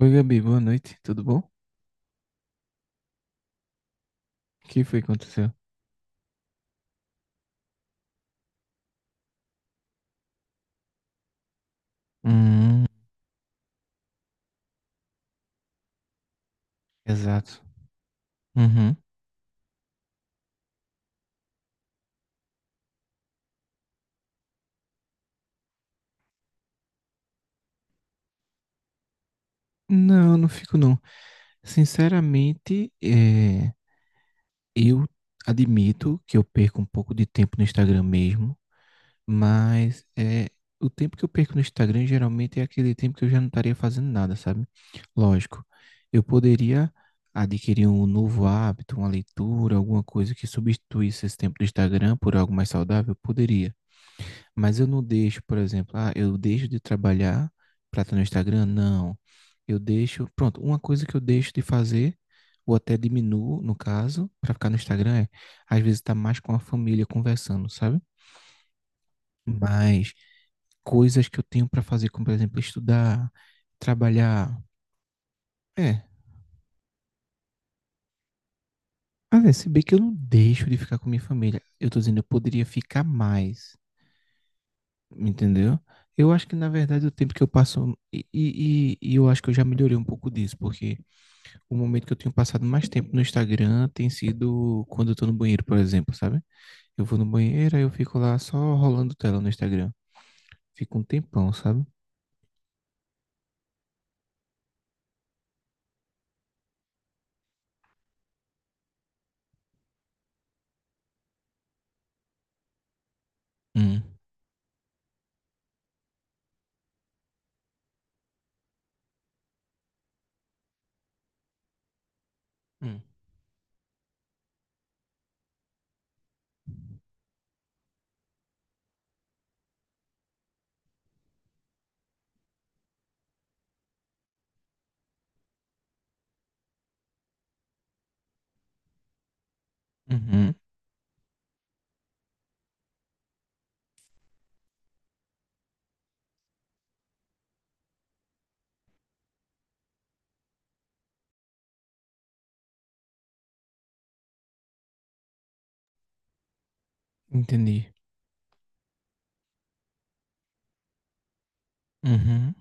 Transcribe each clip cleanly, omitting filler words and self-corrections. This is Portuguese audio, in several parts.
Oi, Gabi, boa noite, tudo bom? O que foi que aconteceu? Hum, exato. Uhum. Não, não fico não. Sinceramente, eu admito que eu perco um pouco de tempo no Instagram mesmo, mas o tempo que eu perco no Instagram geralmente é aquele tempo que eu já não estaria fazendo nada, sabe? Lógico, eu poderia adquirir um novo hábito, uma leitura, alguma coisa que substituísse esse tempo do Instagram por algo mais saudável, poderia. Mas eu não deixo, por exemplo, ah, eu deixo de trabalhar para estar no Instagram? Não. Eu deixo, pronto, uma coisa que eu deixo de fazer, ou até diminuo, no caso, para ficar no Instagram às vezes tá mais com a família conversando, sabe? Mas coisas que eu tenho para fazer, como por exemplo, estudar, trabalhar, é. Ah, é, se bem que eu não deixo de ficar com minha família. Eu tô dizendo, eu poderia ficar mais. Entendeu? Eu acho que, na verdade, o tempo que eu passo. E eu acho que eu já melhorei um pouco disso, porque o momento que eu tenho passado mais tempo no Instagram tem sido quando eu tô no banheiro, por exemplo, sabe? Eu vou no banheiro, aí eu fico lá só rolando tela no Instagram. Fico um tempão, sabe? Hum. Hum. Uhum. Entendi. Uhum.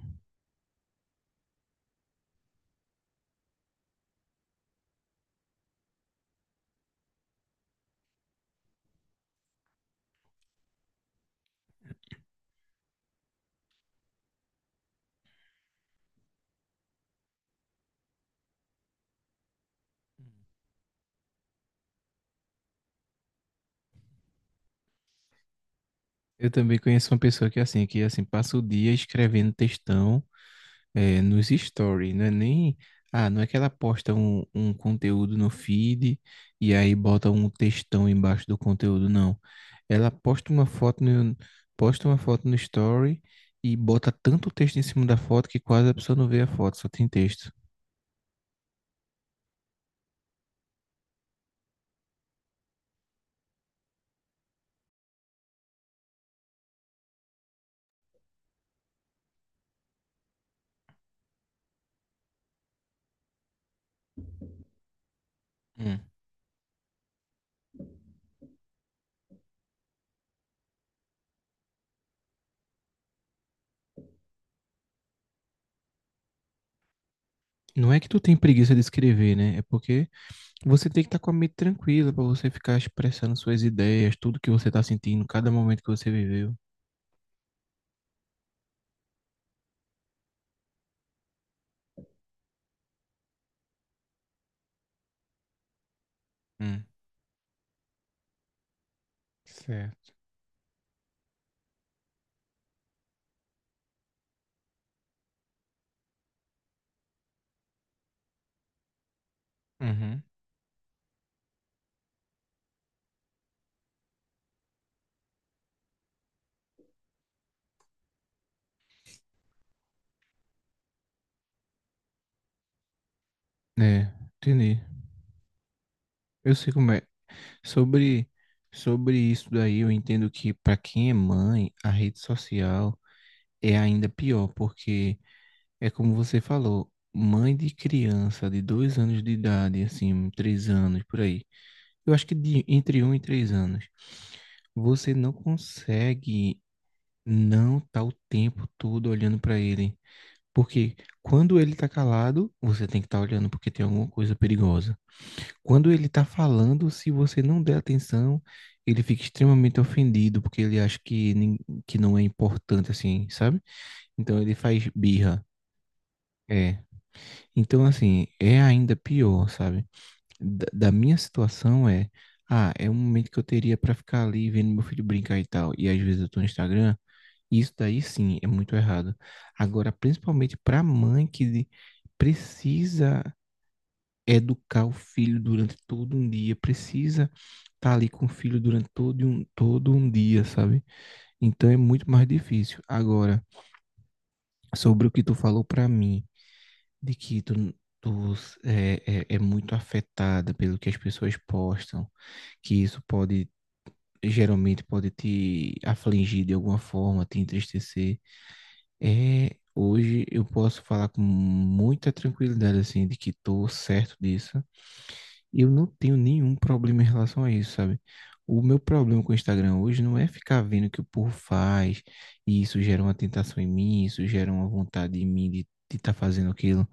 Eu também conheço uma pessoa que é assim, que assim, passa o dia escrevendo textão. É, nos stories, não é nem. Ah, não é que ela posta um conteúdo no feed e aí bota um textão embaixo do conteúdo, não. Ela posta uma foto no story e bota tanto texto em cima da foto que quase a pessoa não vê a foto, só tem texto. Hum. Não é que tu tem preguiça de escrever, né? É porque você tem que estar com a mente tranquila para você ficar expressando suas ideias, tudo que você tá sentindo, cada momento que você viveu. Hum. Certo. Uhum. É, entendi. Eu sei como é. Sobre, sobre isso daí, eu entendo que para quem é mãe, a rede social é ainda pior, porque é como você falou, mãe de criança de 2 anos de idade, assim, 3 anos, por aí. Eu acho que entre 1 e 3 anos, você não consegue não estar o tempo todo olhando para ele. Porque quando ele tá calado, você tem que estar olhando porque tem alguma coisa perigosa. Quando ele está falando, se você não der atenção, ele fica extremamente ofendido, porque ele acha que, que não é importante, assim, sabe? Então ele faz birra. É. Então, assim, é ainda pior, sabe? Da minha situação é. Ah, é um momento que eu teria para ficar ali vendo meu filho brincar e tal. E às vezes eu tô no Instagram. Isso daí sim é muito errado. Agora, principalmente para mãe que precisa educar o filho durante todo um dia, precisa tá ali com o filho durante todo um dia, sabe? Então é muito mais difícil. Agora, sobre o que tu falou pra mim, de que tu é muito afetada pelo que as pessoas postam, que isso pode, geralmente pode te afligir de alguma forma, te entristecer. Hoje eu posso falar com muita tranquilidade, assim, de que tô certo disso. Eu não tenho nenhum problema em relação a isso, sabe? O meu problema com o Instagram hoje não é ficar vendo o que o povo faz, e isso gera uma tentação em mim, isso gera uma vontade em mim de estar fazendo aquilo.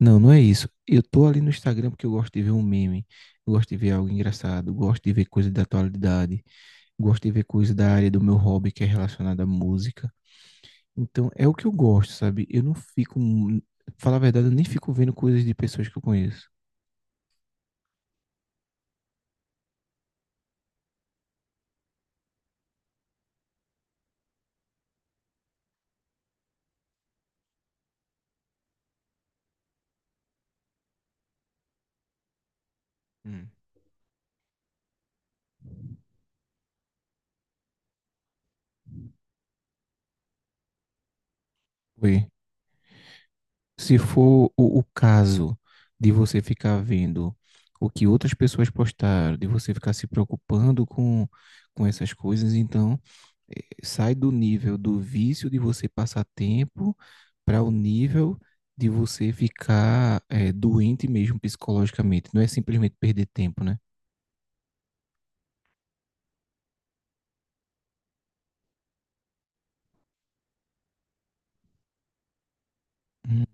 Não, não é isso. Eu tô ali no Instagram porque eu gosto de ver um meme, eu gosto de ver algo engraçado, eu gosto de ver coisa da atualidade, gosto de ver coisa da área do meu hobby que é relacionada à música. Então, é o que eu gosto, sabe? Eu não fico, falar a verdade, eu nem fico vendo coisas de pessoas que eu conheço. Hum. Oi. Se for o caso de você ficar vendo o que outras pessoas postaram, de você ficar se preocupando com essas coisas, então sai do nível do vício de você passar tempo para o nível de você ficar doente mesmo psicologicamente. Não é simplesmente perder tempo, né? Hum.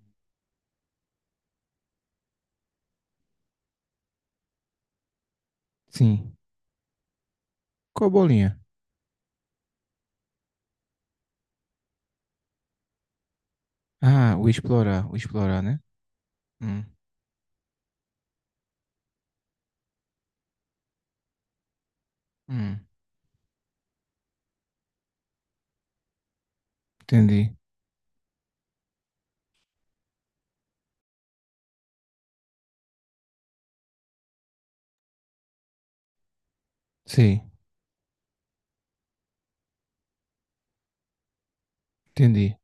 Sim. Qual bolinha? Ah, o explorar, né? Hum, hum, entendi. Sei, entendi.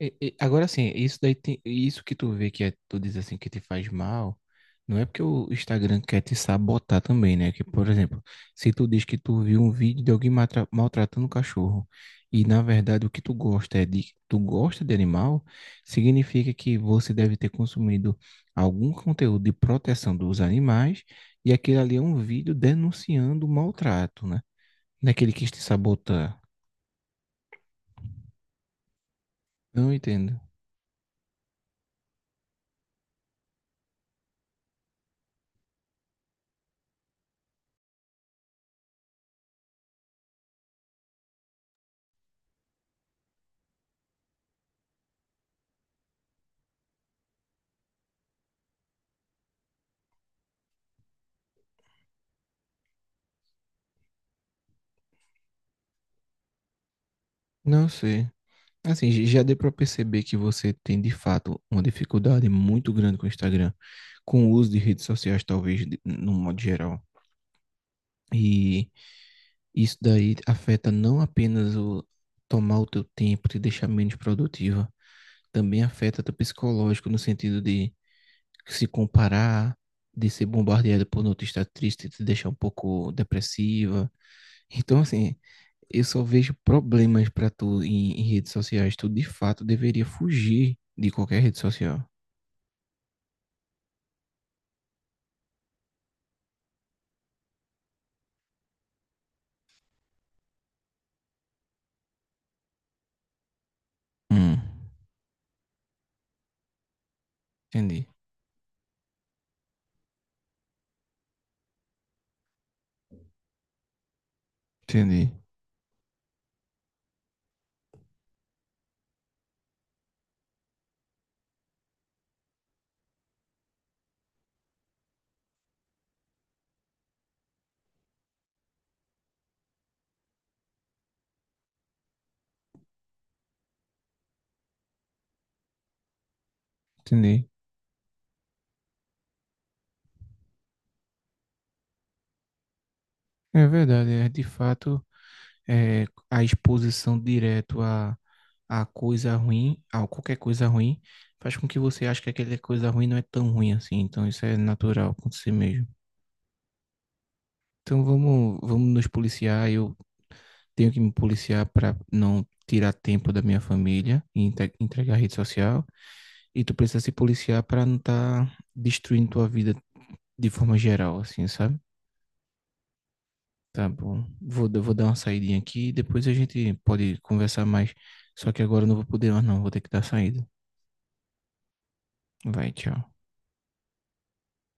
Agora assim, isso daí tem, isso que tu vê que é, tu diz assim que te faz mal, não é porque o Instagram quer te sabotar também, né? Que, por exemplo, se tu diz que tu viu um vídeo de alguém maltratando um cachorro e na verdade o que tu gosta é de tu gosta de animal, significa que você deve ter consumido algum conteúdo de proteção dos animais e aquele ali é um vídeo denunciando o maltrato, né? Daquele que quis te sabotar. Não entendo. Não sei. Assim, já deu para perceber que você tem de fato uma dificuldade muito grande com o Instagram, com o uso de redes sociais, talvez, no modo geral. E isso daí afeta não apenas o tomar o teu tempo, te deixar menos produtiva, também afeta teu psicológico no sentido de se comparar, de ser bombardeada por notícias tristes, te deixar um pouco depressiva, então, assim, eu só vejo problemas pra tu em redes sociais. Tu, de fato, deveria fugir de qualquer rede social. Hum, entendi, entendi, entendi. É verdade, de fato, a exposição direto a, coisa ruim, a qualquer coisa ruim, faz com que você ache que aquela coisa ruim não é tão ruim assim. Então, isso é natural acontecer mesmo. Então, vamos, vamos nos policiar. Eu tenho que me policiar para não tirar tempo da minha família e entregar a rede social. E tu precisa se policiar para não estar tá destruindo tua vida de forma geral, assim, sabe? Tá bom. Vou dar uma saidinha aqui e depois a gente pode conversar mais. Só que agora eu não vou poder mais, não. Vou ter que dar saída. Vai, tchau.